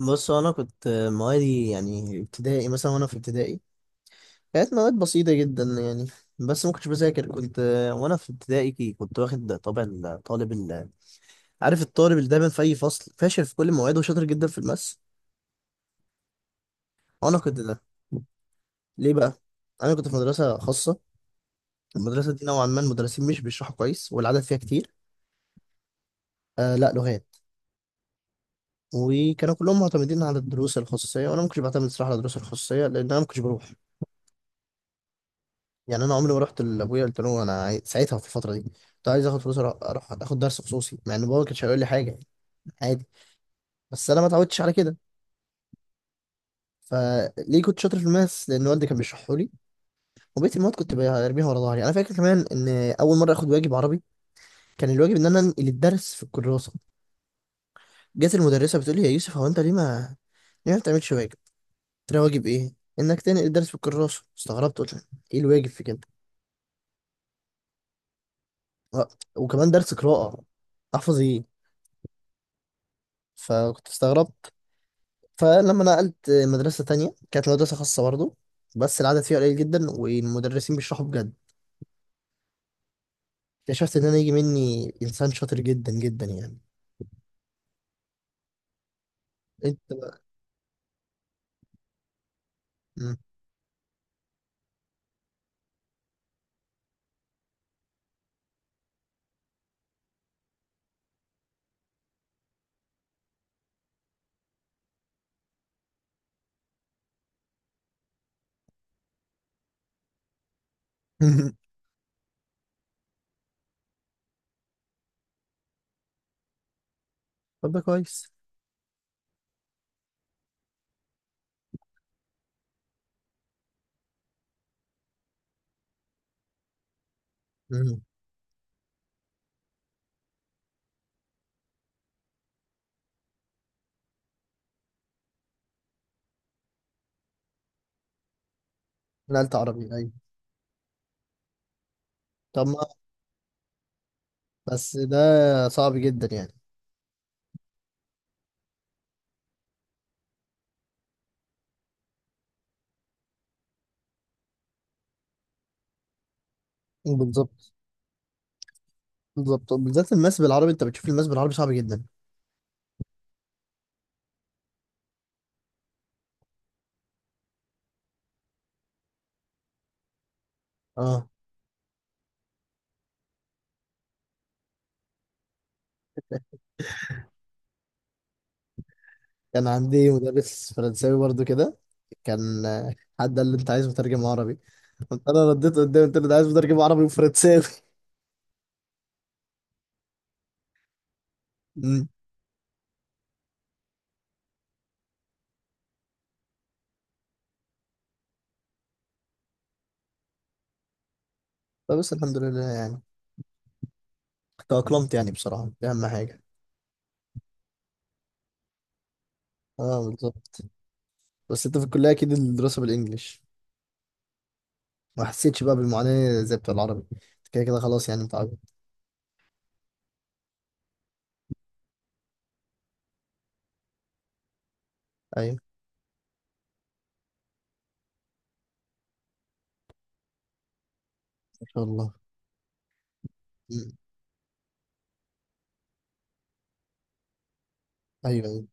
بص، انا كنت موادي، يعني ابتدائي مثلا. وانا في ابتدائي كانت مواد بسيطه جدا، يعني بس ما كنتش بذاكر. كنت وانا في ابتدائي كي- كنت واخد طبع الطالب عارف الطالب اللي دايما في اي فصل فاشل في كل مواعيده وشاطر جدا في الماس. انا كنت ده. ليه بقى؟ انا كنت في مدرسه خاصه. المدرسه دي نوعا ما المدرسين مش بيشرحوا كويس والعدد فيها كتير. آه، لا، لغات. وكانوا كلهم معتمدين على الدروس الخصوصيه، وانا ما كنتش بعتمد صراحه على الدروس الخصوصيه، لان انا ما كنتش بروح. يعني انا عمري ما رحت لابويا قلت له انا ساعتها في الفتره دي كنت عايز اخد فلوس أروح اخد درس خصوصي، مع ان بابا ما كانش هيقول لي حاجه، يعني عادي. بس انا ما اتعودتش على كده. فليه كنت شاطر في الماس؟ لان والدي كان بيشرحه لي. وبقيت المواد كنت برميها ورا ظهري. انا فاكر كمان ان اول مره اخد واجب عربي، كان الواجب ان انا انقل الدرس في الكراسه. جت المدرسه بتقول لي يا يوسف هو انت ليه ما بتعملش واجب؟ قلت لها واجب ايه؟ انك تنقل الدرس في الكراسه. استغربت، قلت لها، ايه الواجب في كده؟ و- وكمان درس قراءه، احفظ ايه؟ فكنت استغربت. فلما نقلت مدرسة تانية كانت مدرسة خاصة برضه، بس العدد فيها قليل جدا والمدرسين بيشرحوا بجد. اكتشفت إن أنا يجي مني إنسان شاطر جدا جدا، يعني أنت بقى. مم. طب ده كويس. مم. نقلت عربي، أيوة. طب ما بس ده صعب جدا يعني. بالظبط. بالظبط، بالذات الماس بالعربي، أنت بتشوف الماس بالعربي صعب جدا. أه، كان عندي مدرس فرنساوي برضه كده. كان، حد قال لي أنت عايز مترجم عربي؟ قلت أنا رديت قدامي، قلت له أنا عايز مترجم عربي وفرنساوي. لا بس الحمد لله، يعني تأقلمت، يعني بصراحة دي أهم حاجة. اه، بالظبط. بس انت في الكلية اكيد الدراسة بالانجلش، ما حسيتش بقى بالمعاناة زي بتاع العربي، أنت كده كده خلاص يعني متعود. ايوه، ما شاء الله. مم. ايوه ايوه،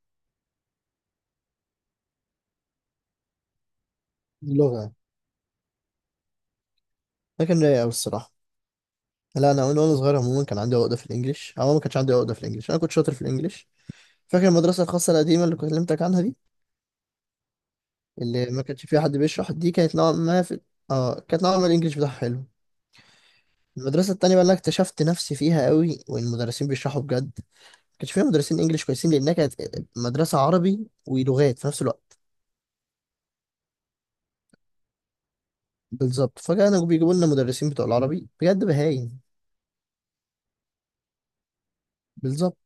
اللغة. لكن رايق أوي الصراحة. لا، انا وانا وأنا صغير عموما كان عندي عقدة في الانجليش، او ما كانش عندي عقدة في الانجليش، انا كنت شاطر في الانجليش. فاكر المدرسة الخاصة القديمة اللي كلمتك عنها دي، اللي ما كانش فيها حد بيشرح، دي كانت نوعا ما في، اه كانت نوعا ما الانجليش بتاعها حلو. المدرسة التانية بقى اللي أنا اكتشفت نفسي فيها قوي والمدرسين بيشرحوا بجد، كانش فيها مدرسين انجليش كويسين، لانها كانت مدرسه عربي ولغات في نفس الوقت. بالظبط، فكانوا بيجيبوا لنا مدرسين بتوع العربي بجد بهايم. بالظبط.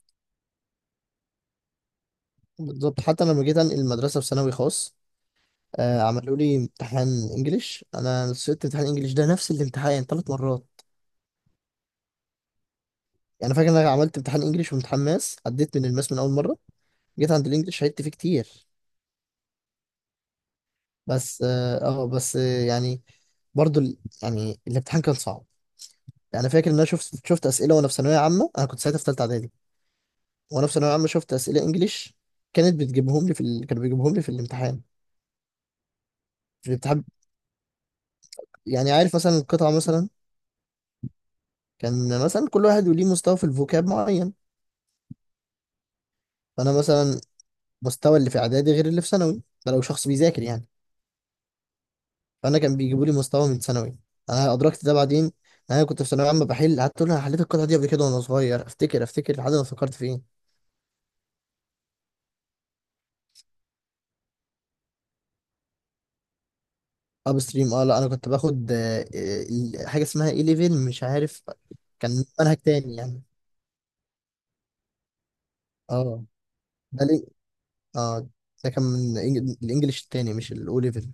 بالظبط حتى لما جيت انقل المدرسه في ثانوي خاص، عملوا لي امتحان انجليش. انا سقطت امتحان انجليش، ده نفس الامتحان 3 مرات. يعني فاكر ان انا عملت امتحان انجليش وامتحان ماس، عديت من الماس من اول مره. جيت عند الانجليش عدت فيه كتير. بس اه، آه، بس آه، يعني يعني الامتحان كان صعب. يعني فاكر ان انا شفت اسئله وانا في ثانويه عامه، انا كنت ساعتها في ثالثه، وانا في ثانويه عامه شفت اسئله انجليش، كانت بتجيبهم لي في ال... كانوا بيجيبوهم لي في الامتحان، في الامتحان. يعني عارف مثلا القطعه مثلا، كان مثلا كل واحد وليه مستوى في الفوكاب معين. فانا مثلا مستوى اللي في اعدادي غير اللي في ثانوي، ده لو شخص بيذاكر يعني. فانا كان بيجيبوا لي مستوى من ثانوي، انا ادركت ده بعدين، إن انا كنت في ثانويه عامه بحل، قعدت اقول انا حليت القطعه دي قبل كده وانا صغير، افتكر افتكر لحد ما فكرت في ايه. اب ستريم، اه لا، انا كنت باخد، حاجه اسمها اي ليفل، مش عارف. كان منهج تاني يعني. اه. ده اه، ده كان من الانجليش التاني مش الاو ليفل.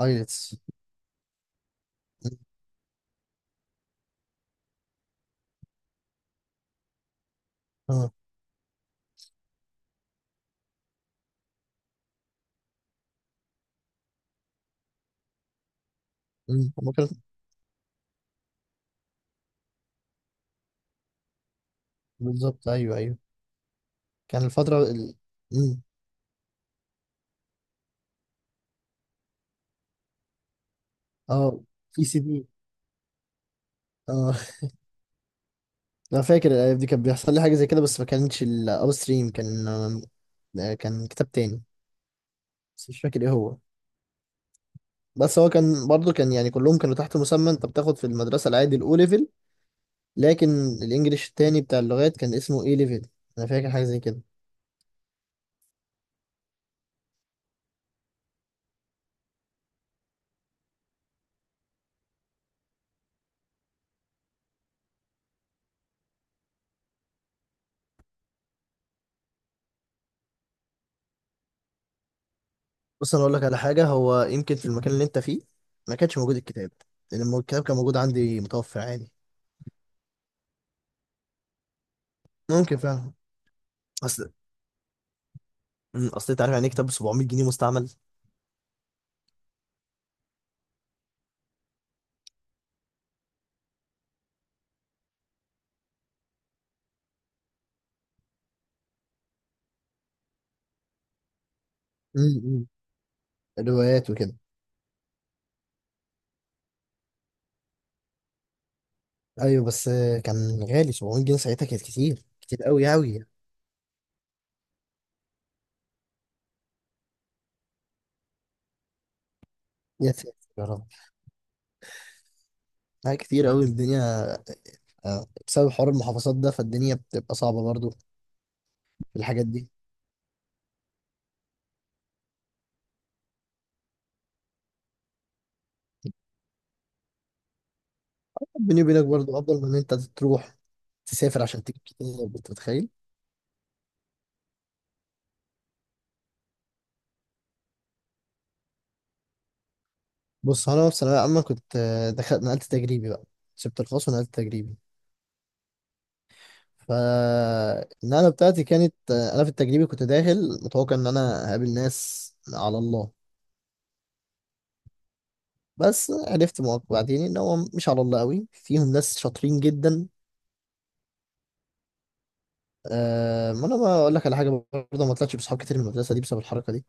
ايلتس. اه. مم. هما كانوا، بالظبط ايوه ايوه. كان الفترة مم. اه، في سي بي. اه. انا فاكر الايام دي كان بيحصل لي حاجة زي كده، بس ما كانتش الاو ستريم، كان، كان كتاب تاني، بس مش فاكر ايه هو. بس هو كان برضه، كان يعني كلهم كانوا تحت مسمى انت بتاخد في المدرسة العادي الاو ليفل، لكن الانجليش التاني بتاع اللغات كان اسمه اي ليفل. انا فاكر حاجة زي كده. بص انا اقول لك على حاجه، هو يمكن في المكان اللي انت فيه ما كانش موجود الكتاب، لان الكتاب كان موجود عندي متوفر عادي. ممكن فعلا. اصل، أمم، اصل انت عارف يعني إيه كتاب ب 700 جنيه مستعمل؟ امم، روايات وكده. ايوه بس، كان غالي، 700 جنيه ساعتها كانت كتير كتير قوي قوي. يا ساتر يا رب، لا كتير قوي الدنيا، بسبب حوار المحافظات ده، فالدنيا بتبقى صعبه برضو في الحاجات دي. بيني وبينك برضو افضل من ان انت تروح تسافر عشان تجيب كتاب، انت متخيل. بص انا في ثانويه عامه كنت، دخلت نقلت تجريبي بقى، سبت الخاص ونقلت تجريبي. فالنقله بتاعتي كانت، انا في التجريبي كنت داخل متوقع ان انا هقابل ناس على الله. بس عرفت بعدين ان هو مش على الله قوي، فيهم ناس شاطرين جدا. أه، ما انا بقول لك على حاجه برضه، ما طلعتش بصحاب كتير من المدرسه دي بسبب الحركه دي.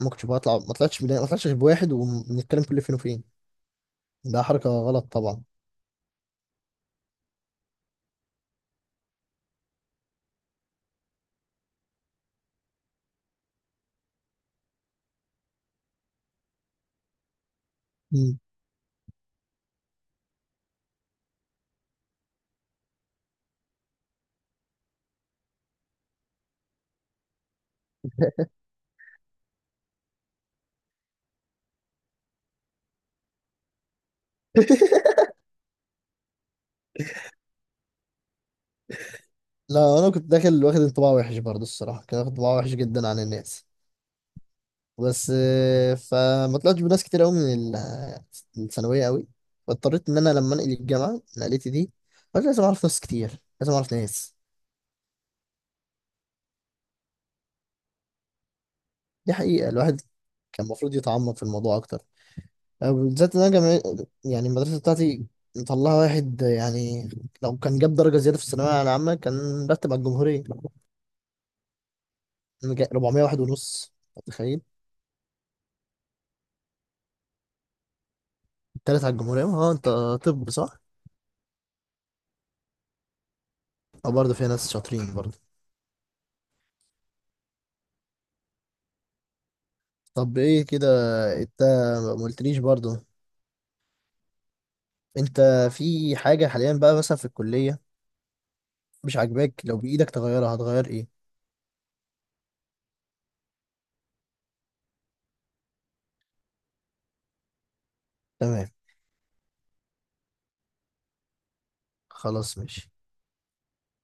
ما كنتش بطلع، ما طلعتش غير بواحد وبنتكلم كل فين وفين. ده حركه غلط طبعا. مم. لا انا كنت داخل واخد انطباع وحش برضه الصراحه، كنت واخد انطباع وحش جدا عن الناس. بس، فما طلعتش بناس كتير قوي من الثانويه قوي. فاضطريت ان انا لما انقل الجامعه نقلتي دي، قلت لازم اعرف ناس كتير، لازم اعرف ناس. دي حقيقه، الواحد كان المفروض يتعمق في الموضوع اكتر، بالذات ان انا جامعة، يعني المدرسه بتاعتي مطلعه واحد، يعني لو كان جاب درجه زياده في الثانويه العامه كان رتب على الجمهوريه. أنا 400 واحد ونص. أنت متخيل؟ تالت على الجمهوريه، ها انت؟ طب صح؟ اه برضه فيها ناس شاطرين برضه. طب ايه كده؟ انت ما قلتليش برضه، انت في حاجة حاليا بقى مثلا في الكلية مش عاجباك؟ لو بإيدك تغيرها هتغير ايه؟ تمام. خلاص، ماشي.